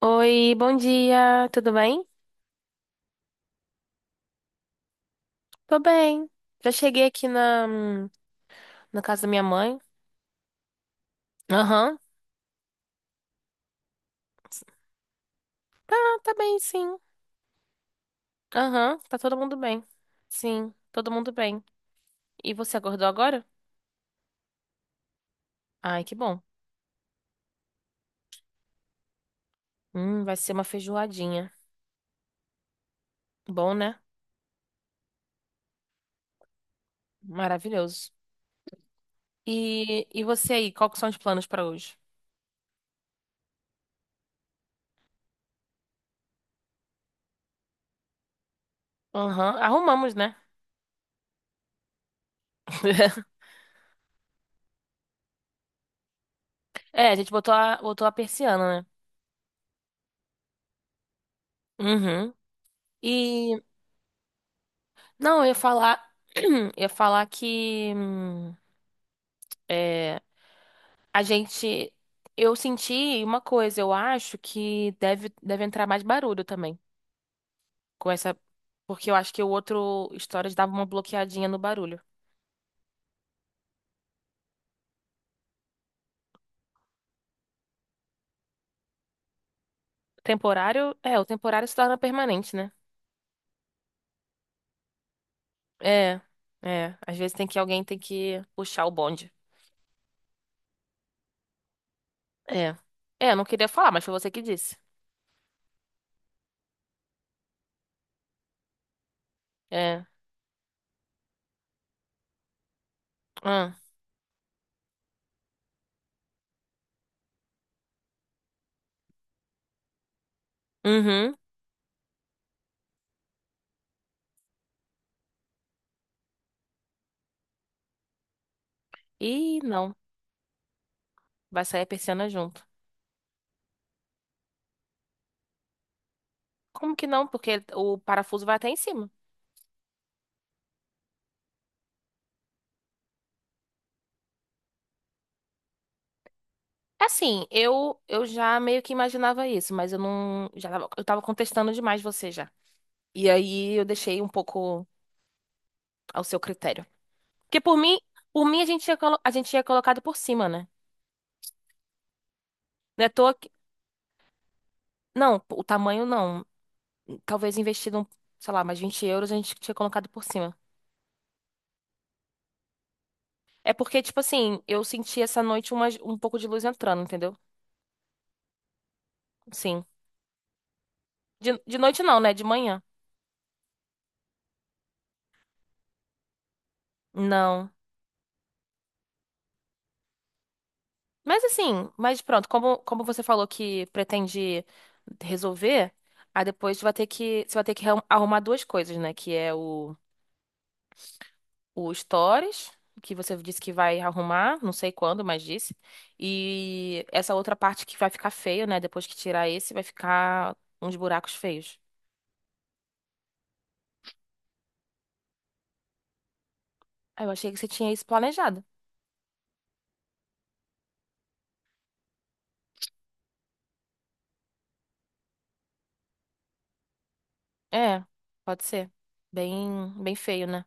Oi, bom dia, tudo bem? Tô bem. Já cheguei aqui na casa da minha mãe. Aham. Ah, tá bem, sim. Aham, tá todo mundo bem. Sim, todo mundo bem. E você acordou agora? Ai, que bom. Vai ser uma feijoadinha. Bom, né? Maravilhoso. E você aí, qual que são os planos pra hoje? Aham, arrumamos, né? É, a gente botou a persiana, né? Uhum. E, não, eu ia falar, eu ia falar que. É, a gente. Eu senti uma coisa, eu acho que deve entrar mais barulho também. Com essa. Porque eu acho que o outro Stories dava uma bloqueadinha no barulho. Temporário. É, o temporário se torna permanente, né? É. É. Às vezes tem que alguém tem que puxar o bonde. É. É, eu não queria falar, mas foi você que disse. É. Ah. Uhum. Ih, não. Vai sair a persiana junto. Como que não? Porque o parafuso vai até em cima. Assim, eu já meio que imaginava isso, mas eu não já tava, eu tava contestando demais você já. E aí eu deixei um pouco ao seu critério. Porque por mim a gente tinha colocado por cima, né? Não é à toa que- não, o tamanho não. Talvez investido, um, sei lá, mais 20 euros a gente tinha colocado por cima. É porque, tipo assim, eu senti essa noite um pouco de luz entrando, entendeu? Sim. De noite não, né? De manhã. Não. Mas assim, mas pronto, como você falou que pretende resolver, aí depois você vai ter que arrumar duas coisas, né? Que é o Stories, que você disse que vai arrumar, não sei quando, mas disse. E essa outra parte que vai ficar feio, né? Depois que tirar esse, vai ficar uns buracos feios. Ah, eu achei que você tinha isso planejado. É, pode ser. Bem, bem feio, né?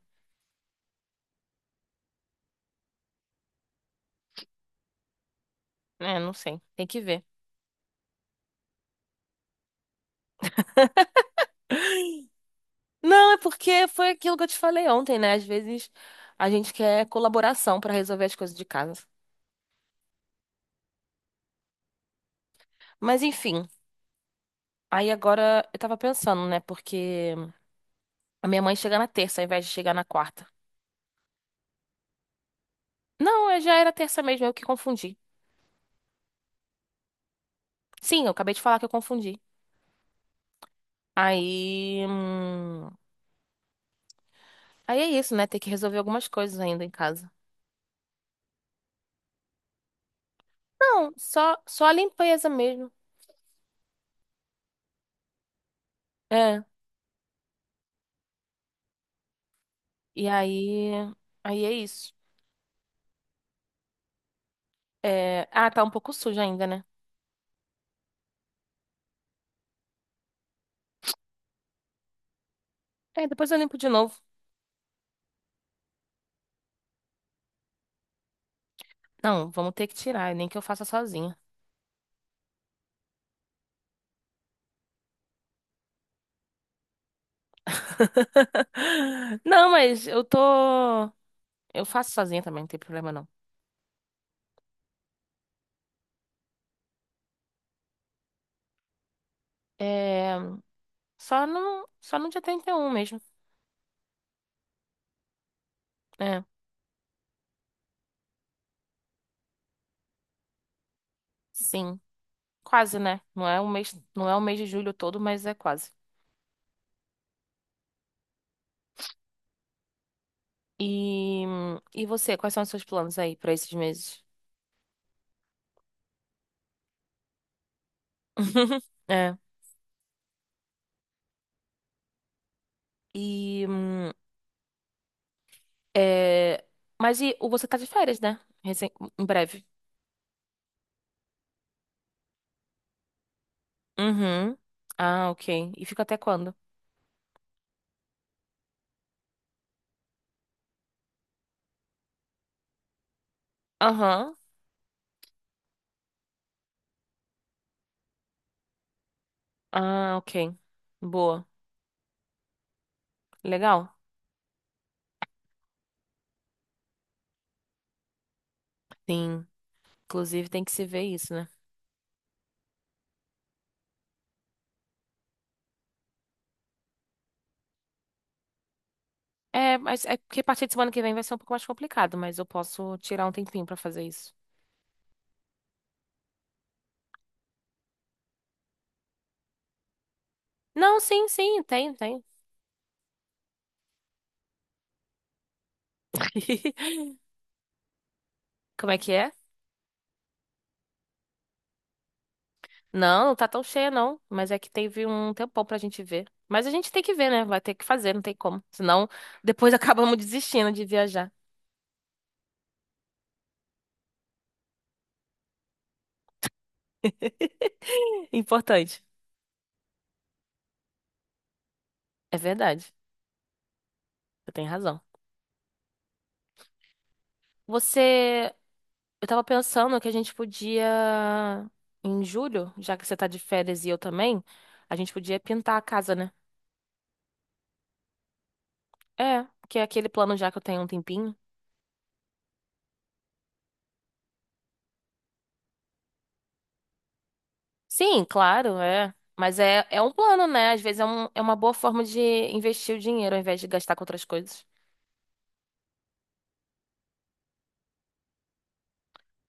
É, não sei. Tem que ver. Não, é porque foi aquilo que eu te falei ontem, né? Às vezes a gente quer colaboração pra resolver as coisas de casa. Mas enfim, aí agora eu tava pensando, né? Porque a minha mãe chega na terça ao invés de chegar na quarta. Não, é- já era terça mesmo, eu que confundi. Sim, eu acabei de falar que eu confundi. Aí, hum, Aí é isso, né? Ter que resolver algumas coisas ainda em casa. Não, só a limpeza mesmo. É. E aí, aí é isso. É, ah, tá um pouco sujo ainda, né? É, depois eu limpo de novo. Não, vamos ter que tirar, nem que eu faça sozinha. Não, mas eu tô. Eu faço sozinha também, não tem problema não. É. Só no dia 31 mesmo. É, sim. Quase, né? Não é o mês de julho todo, mas é quase. E, e você, quais são os seus planos aí pra esses meses? É. E. É... Mas e o você tá de férias, né? Recen- Em breve. Uhum. Ah, ok. E fica até quando? Aham. Ah, ok. Boa. Legal. Sim. Inclusive tem que se ver isso, né? É, mas é porque a partir de semana que vem vai ser um pouco mais complicado, mas eu posso tirar um tempinho pra fazer isso. Não, sim, sim, tem, tem. Como é que é? Não, não tá tão cheia, não. Mas é que teve um tempão pra gente ver. Mas a gente tem que ver, né? Vai ter que fazer, não tem como. Senão, depois acabamos desistindo de viajar. Importante. É verdade. Você tem razão. Você Eu tava pensando que a gente podia, em julho, já que você tá de férias e eu também, a gente podia pintar a casa, né? É, que é aquele plano já que eu tenho há um tempinho. Sim, claro, é. Mas é, é um plano, né? Às vezes é uma boa forma de investir o dinheiro ao invés de gastar com outras coisas.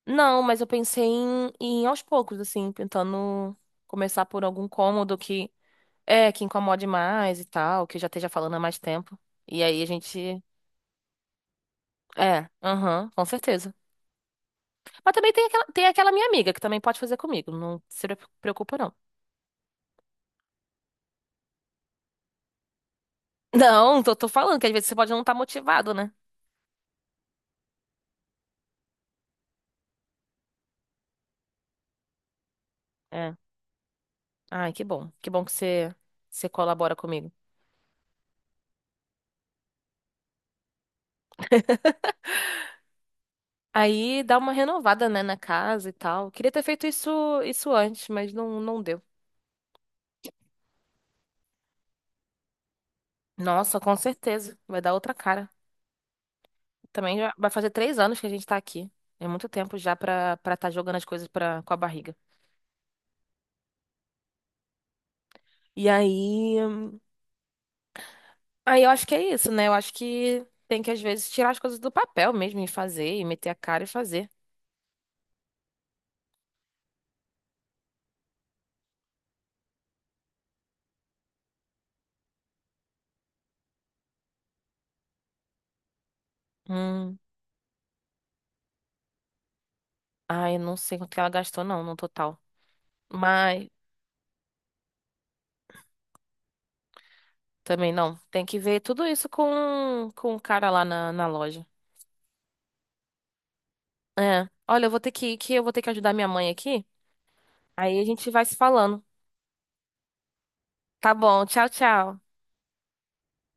Não, mas eu pensei em aos poucos, assim, pintando, começar por algum cômodo que é, que incomode mais e tal, que eu já esteja falando há mais tempo. E aí a gente. É, aham, com certeza. Mas também tem aquela minha amiga que também pode fazer comigo. Não se preocupa, não. Não, tô falando que às vezes você pode não estar motivado, né? É. Ai, que bom. Que bom que você, você colabora comigo. Aí dá uma renovada, né, na casa e tal. Queria ter feito isso antes, mas não, não deu. Nossa, com certeza. Vai dar outra cara. Também já vai fazer 3 anos que a gente tá aqui. É muito tempo já pra estar jogando as coisas pra, com a barriga. E aí. Aí eu acho que é isso, né? Eu acho que tem que, às vezes, tirar as coisas do papel mesmo e fazer, e meter a cara e fazer. Hum. Ai, eu não sei quanto que ela gastou, não, no total. Mas também não. Tem que ver tudo isso com o cara lá na loja. É. Olha, eu vou ter que ir, que eu vou ter que ajudar minha mãe aqui. Aí a gente vai se falando. Tá bom, tchau, tchau.